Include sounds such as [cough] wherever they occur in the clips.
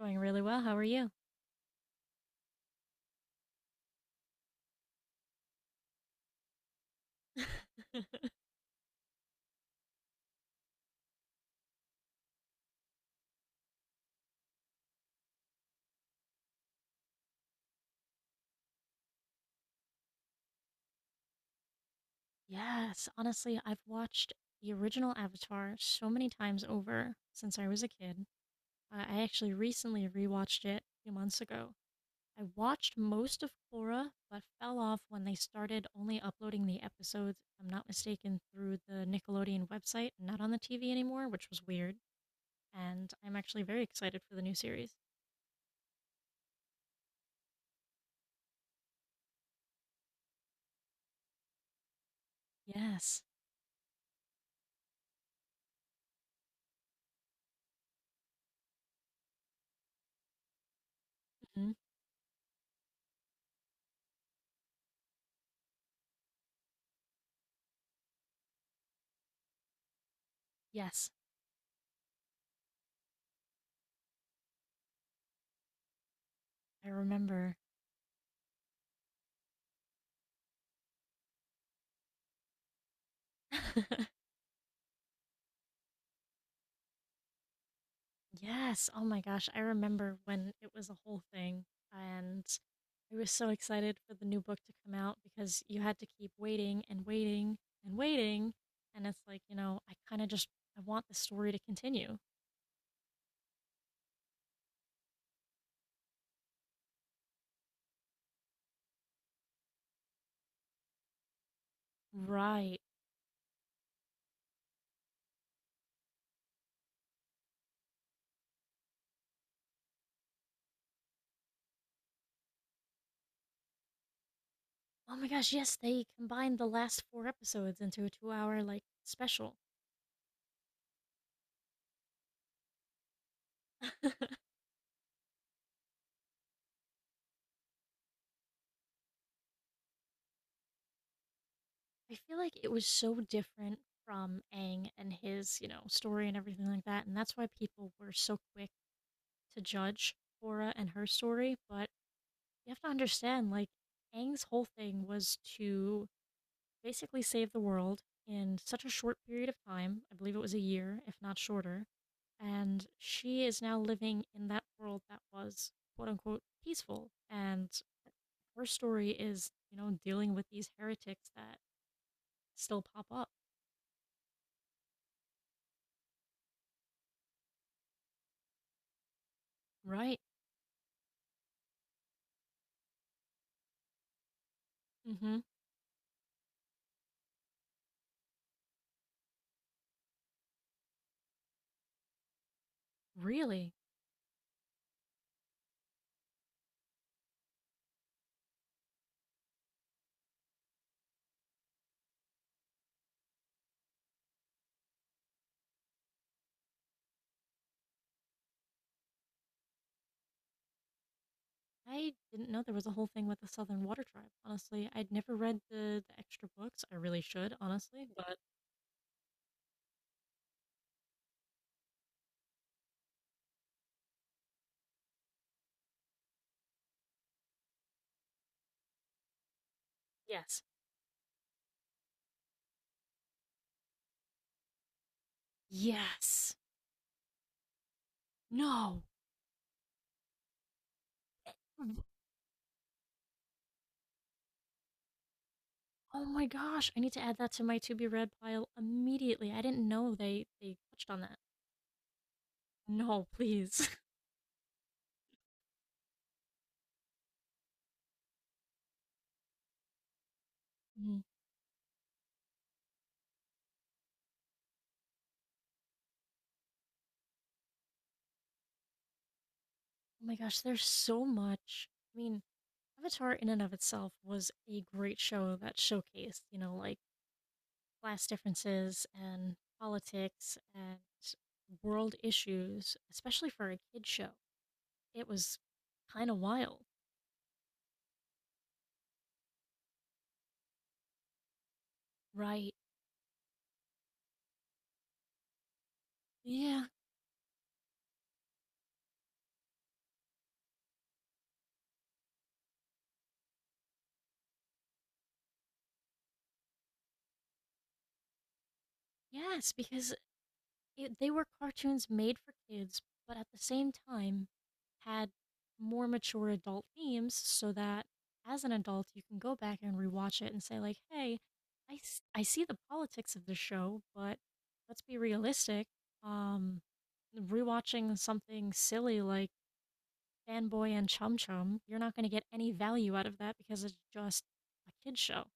Doing really well. How are you? [laughs] Yes, honestly, I've watched the original Avatar so many times over since I was a kid. I actually recently rewatched it a few months ago. I watched most of Korra, but fell off when they started only uploading the episodes, if I'm not mistaken, through the Nickelodeon website, not on the TV anymore, which was weird. And I'm actually very excited for the new series. Yes. Hmm. Yes, I remember. [laughs] Yes. Oh my gosh. I remember when it was a whole thing. And I was so excited for the new book to come out because you had to keep waiting and waiting and waiting. And it's like, you know, I kind of just I want the story to continue. Right. Oh my gosh, yes, they combined the last four episodes into a 2-hour like special. [laughs] I feel like it was so different from Aang and his, you know, story and everything like that. And that's why people were so quick to judge Korra and her story. But you have to understand, like, Aang's whole thing was to basically save the world in such a short period of time. I believe it was a year, if not shorter. And she is now living in that world that was quote unquote peaceful. And her story is, you know, dealing with these heretics that still pop up. Right. Mm-hmm. Really? I didn't know there was a whole thing with the Southern Water Tribe. Honestly, I'd never read the extra books. I really should, honestly. But yes. Yes. No. Oh my gosh, I need to add that to my to be read pile immediately. I didn't know they touched on that. No, please. [laughs] Mhm. Oh my gosh, there's so much. I mean, Avatar in and of itself was a great show that showcased, you know, like class differences and politics and world issues, especially for a kid show. It was kind of wild, right? Yeah. Yes, because it they were cartoons made for kids, but at the same time had more mature adult themes so that as an adult you can go back and rewatch it and say like, "Hey, I see the politics of the show, but let's be realistic. Um rewatching something silly like Fanboy and Chum Chum, you're not going to get any value out of that because it's just a kids' show."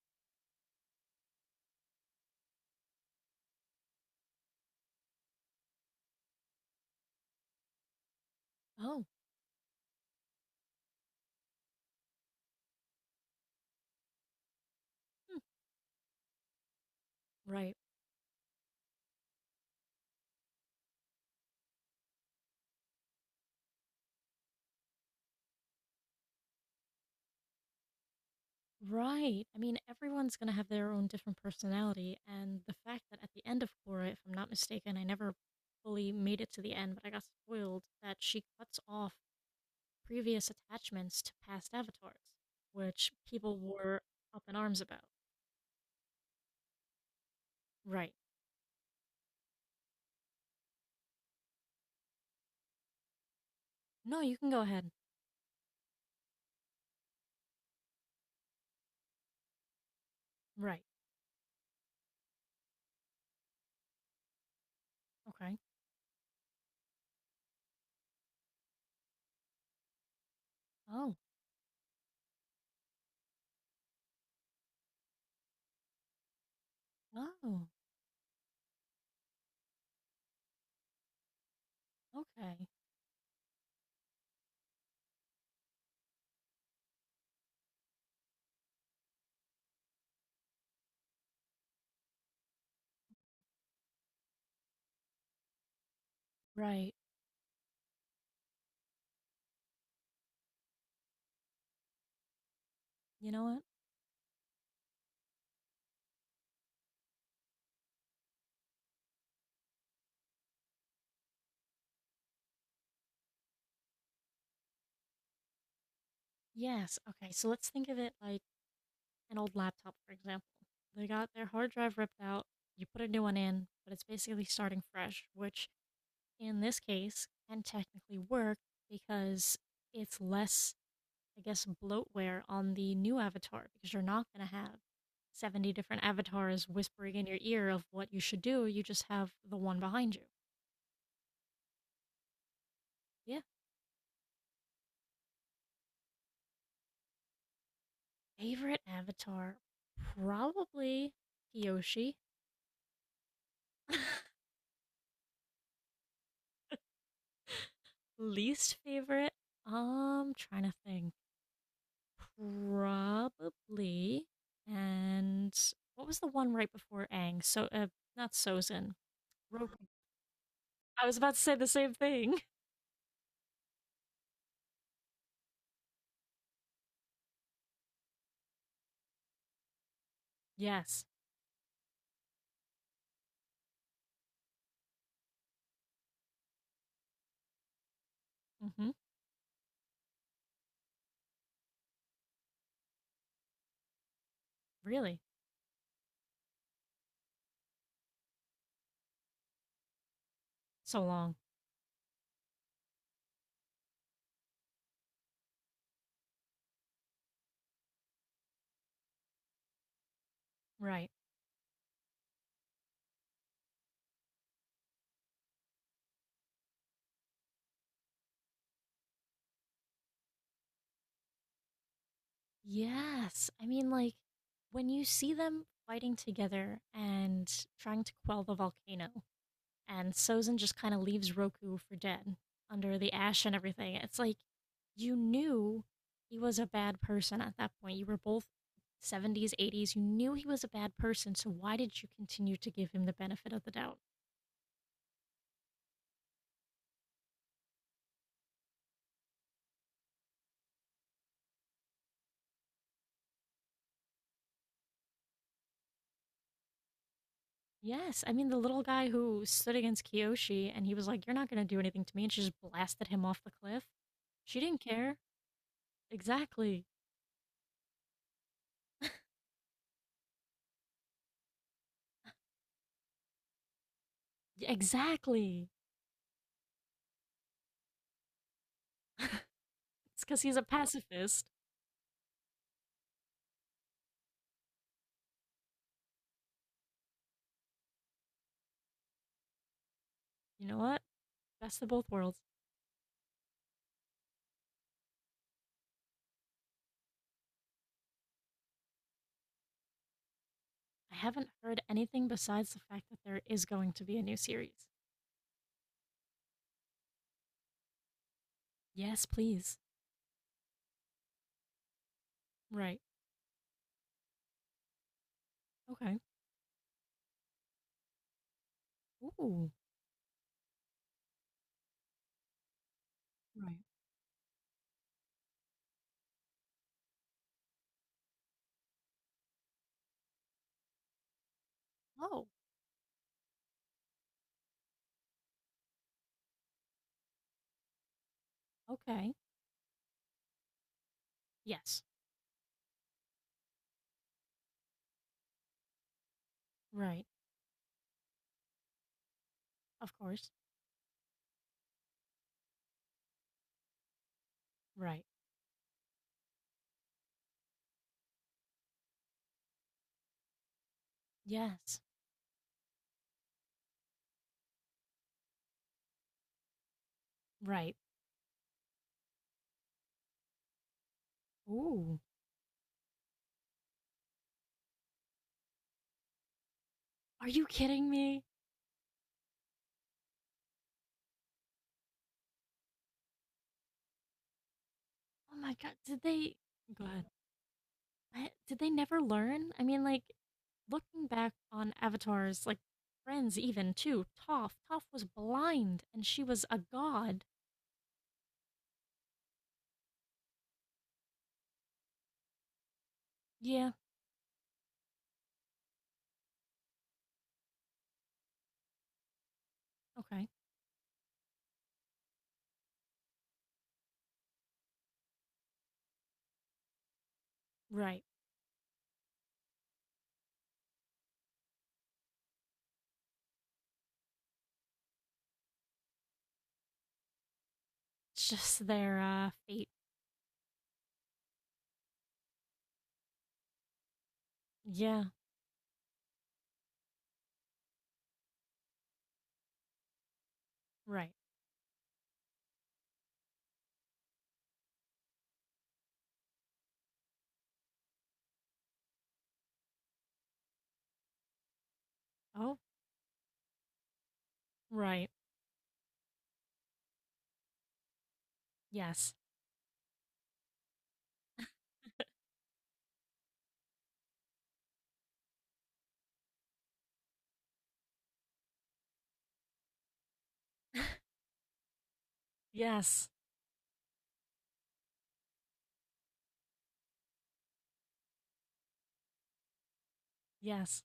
Oh. Hmm, right. Right. I mean, everyone's going to have their own different personality. And the fact that at the end of Korra, if I'm not mistaken, I never fully made it to the end, but I got spoiled that she cuts off previous attachments to past avatars, which people were up in arms about. Right. No, you can go ahead. Right. Okay. Oh. Oh. Okay. Right. You know what? Yes. Okay. So let's think of it like an old laptop, for example. They got their hard drive ripped out, you put a new one in, but it's basically starting fresh, which in this case can technically work because it's less, I guess, bloatware on the new avatar because you're not going to have 70 different avatars whispering in your ear of what you should do. You just have the one behind you. Yeah. Favorite avatar? Probably Kyoshi. [laughs] Least favorite? Trying to think. Probably. And what was the one right before Aang? So, not Sozin. Roku. I was about to say the same thing. [laughs] Yes. Hmm. Really? So long. Right. Yes. I mean, like, when you see them fighting together and trying to quell the volcano, and Sozin just kind of leaves Roku for dead under the ash and everything. It's like you knew he was a bad person at that point. You were both 70s, 80s. You knew he was a bad person, so why did you continue to give him the benefit of the doubt? Yes, I mean the little guy who stood against Kiyoshi and he was like, "You're not going to do anything to me," and she just blasted him off the cliff. She didn't care. Exactly. Yeah, exactly. It's because he's a pacifist. You know what? Best of both worlds. I haven't heard anything besides the fact that there is going to be a new series. Yes, please. Right. Okay. Ooh. Right. Oh, okay. Yes. Right. Of course. Right. Yes. Right. Ooh. Are you kidding me? Oh my god. Did they Go ahead. I- did they never learn? I mean, like looking back on Avatar's like friends even too, Toph. Toph was blind and she was a god. Yeah. Okay. Right. It's just their fate. Yeah, right. Oh, right. Yes. [laughs] Yes. Yes.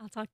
I'll talk